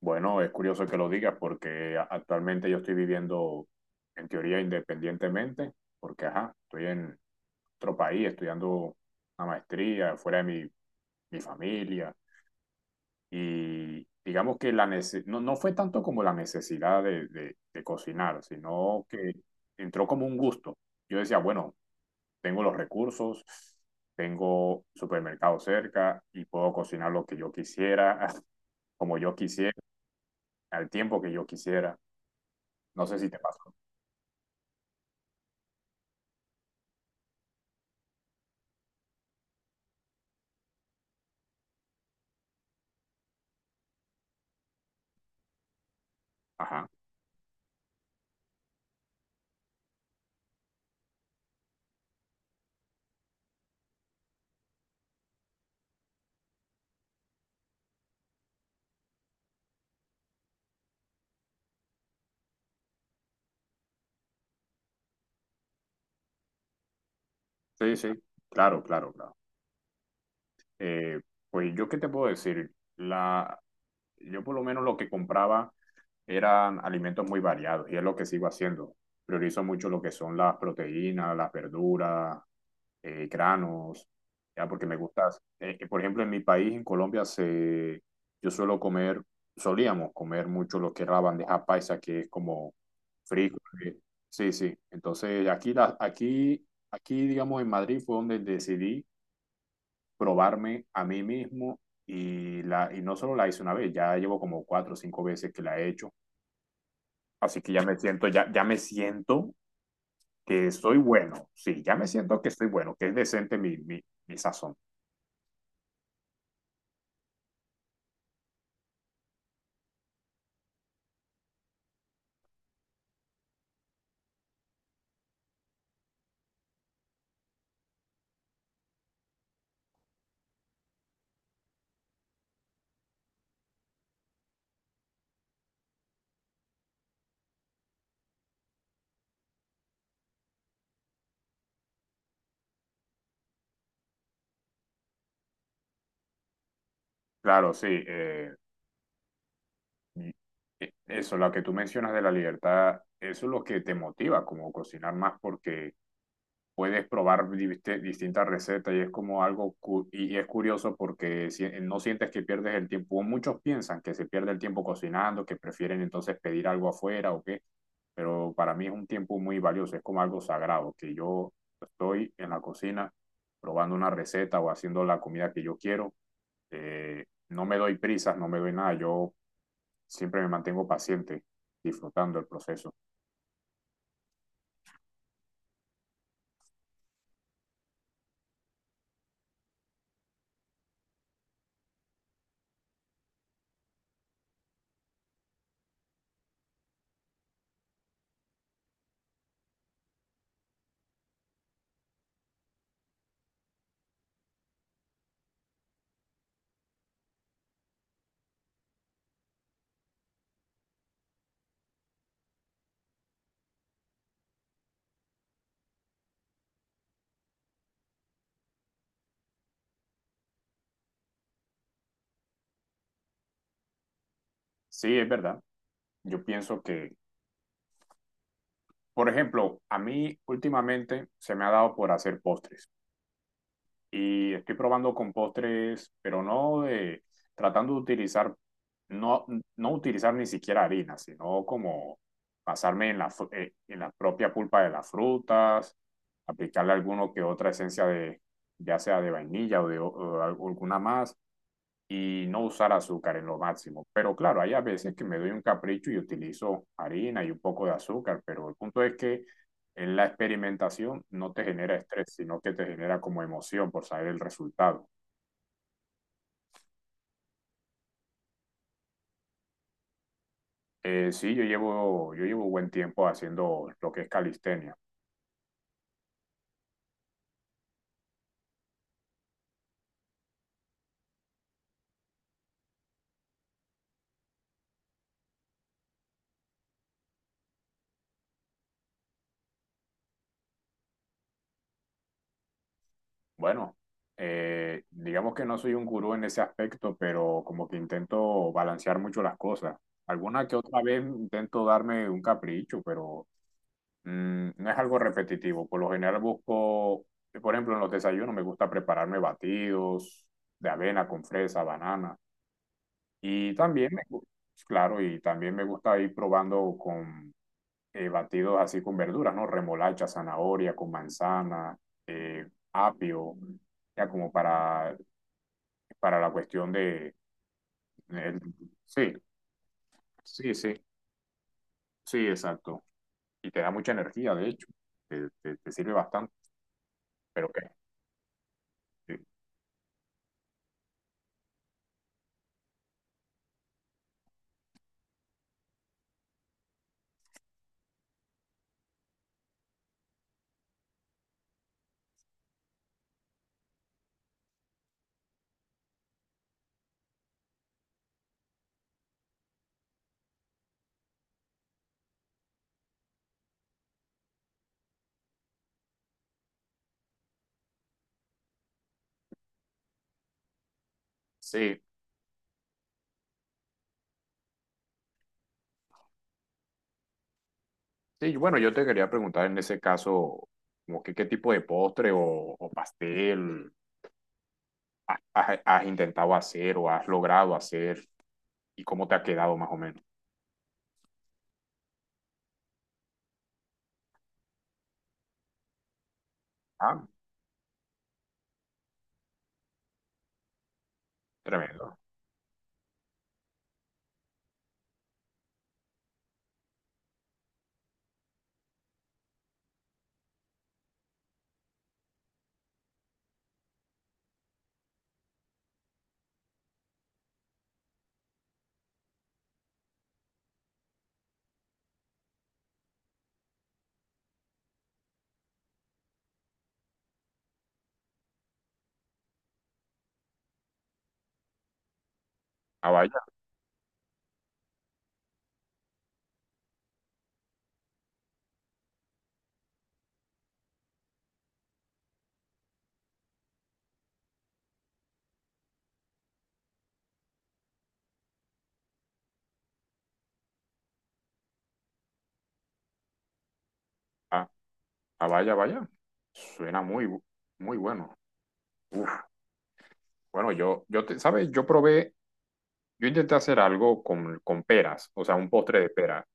Bueno, es curioso que lo digas porque actualmente yo estoy viviendo en teoría independientemente, porque ajá, estoy en otro país estudiando una maestría fuera de mi familia y digamos que la no, no fue tanto como la necesidad de, de cocinar, sino que entró como un gusto. Yo decía, bueno, tengo los recursos, tengo supermercado cerca y puedo cocinar lo que yo quisiera, como yo quisiera, al tiempo que yo quisiera. No sé si te pasó. Ajá. Sí, sí. Claro, claro, claro. Eh, pues yo qué te puedo decir. Yo por lo menos lo que compraba eran alimentos muy variados y es lo que sigo haciendo. Priorizo mucho lo que son las proteínas, las verduras, granos, ya porque me gusta. Por ejemplo, en mi país, en Colombia, yo suelo solíamos comer mucho lo que es la bandeja paisa, que es como frijoles. Sí, sí. Entonces, aquí, digamos, en Madrid fue donde decidí probarme a mí mismo y y no solo la hice una vez, ya llevo como cuatro o cinco veces que la he hecho. Así que ya me siento, ya me siento que soy bueno. Sí, ya me siento que soy bueno, que es decente mi sazón. Claro, sí. Y- Eso, lo que tú mencionas de la libertad, eso es lo que te motiva como cocinar más porque puedes probar distintas recetas y es como algo, y es curioso porque no sientes que pierdes el tiempo. Muchos piensan que se pierde el tiempo cocinando, que prefieren entonces pedir algo afuera o qué, pero para mí es un tiempo muy valioso, es como algo sagrado, que yo estoy en la cocina probando una receta o haciendo la comida que yo quiero. eh, no me doy prisas, no me doy nada. Yo siempre me mantengo paciente, disfrutando el proceso. Sí, es verdad. Yo pienso que, por ejemplo, a mí últimamente se me ha dado por hacer postres y estoy probando con postres, pero no tratando de utilizar, no, no utilizar ni siquiera harina, sino como basarme en en la propia pulpa de las frutas, aplicarle alguno que otra esencia de, ya sea de vainilla o o alguna más y no usar azúcar en lo máximo. Pero claro, hay a veces que me doy un capricho y utilizo harina y un poco de azúcar, pero el punto es que en la experimentación no te genera estrés, sino que te genera como emoción por saber el resultado. Sí, yo llevo buen tiempo haciendo lo que es calistenia. Bueno, digamos que no soy un gurú en ese aspecto, pero como que intento balancear mucho las cosas. Alguna que otra vez intento darme un capricho, pero Mm, no es algo repetitivo. Por lo general busco, por ejemplo, en los desayunos me gusta prepararme batidos de avena con fresa, banana. Y también claro, y también me gusta ir probando con batidos así con verduras, ¿no? Remolacha, zanahoria, con manzana, eh, apio, ya como para la cuestión de... el- sí, sí, sí, sí, exacto. Y te da mucha energía, de hecho. Te sirve bastante. Pero que... Sí, sí, y bueno, yo te quería preguntar en ese caso, como que, qué tipo de postre o pastel has intentado hacer o has logrado hacer y cómo te ha quedado más o menos. Ah, tremendo. Ah, vaya, ah, ah, vaya, vaya. Suena muy bueno. Uf, bueno, yo te, ¿sabes? Yo intenté hacer algo con peras, o sea, un postre de peras.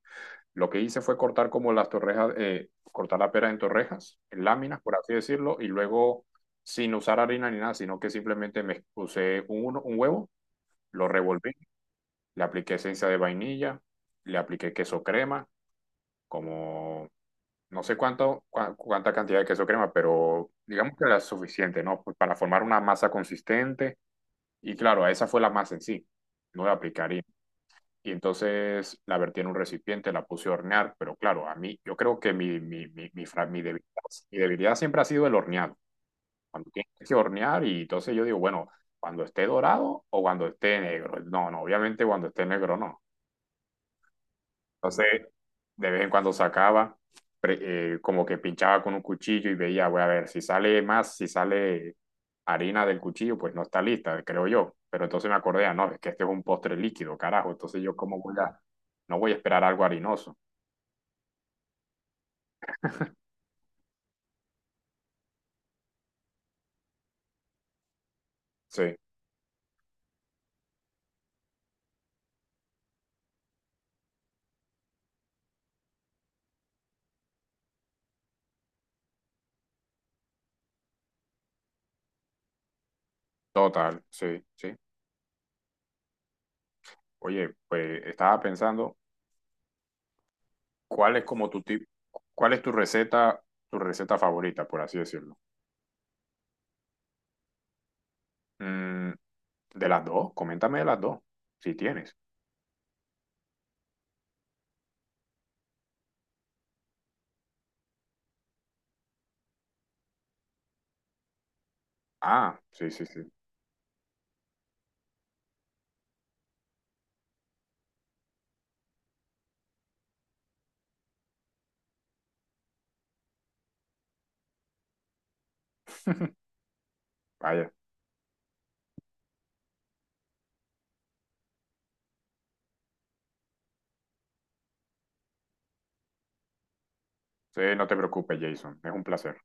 Lo que hice fue cortar como las torrejas, cortar la pera en torrejas, en láminas, por así decirlo, y luego sin usar harina ni nada, sino que simplemente me puse un huevo, lo revolví, le apliqué esencia de vainilla, le apliqué queso crema, como no sé cuánta cantidad de queso crema, pero digamos que era suficiente, ¿no? Pues para formar una masa consistente. Y claro, esa fue la masa en sí. No le apliqué harina y entonces la vertí en un recipiente, la puse a hornear, pero claro, a mí, yo creo que mi debilidad siempre ha sido el horneado. Cuando tienes que hornear, y entonces yo digo, bueno, cuando esté dorado o cuando esté negro. No, no, obviamente cuando esté negro no. Entonces, de vez en cuando como que pinchaba con un cuchillo y veía, voy a ver, si sale más, si sale harina del cuchillo, pues no está lista, creo yo. Pero entonces me acordé, ah, no, es que este es un postre líquido, carajo. Entonces yo no voy a esperar algo harinoso. Sí, total, sí, sí. Oye, pues estaba pensando, ¿cuál es como tu tip, cuál es tu receta favorita, por así decirlo? Mm, de las dos, coméntame de las dos, si tienes. Ah, sí, sí, sí. Vaya, sí, no te preocupes, Jason. Es un placer.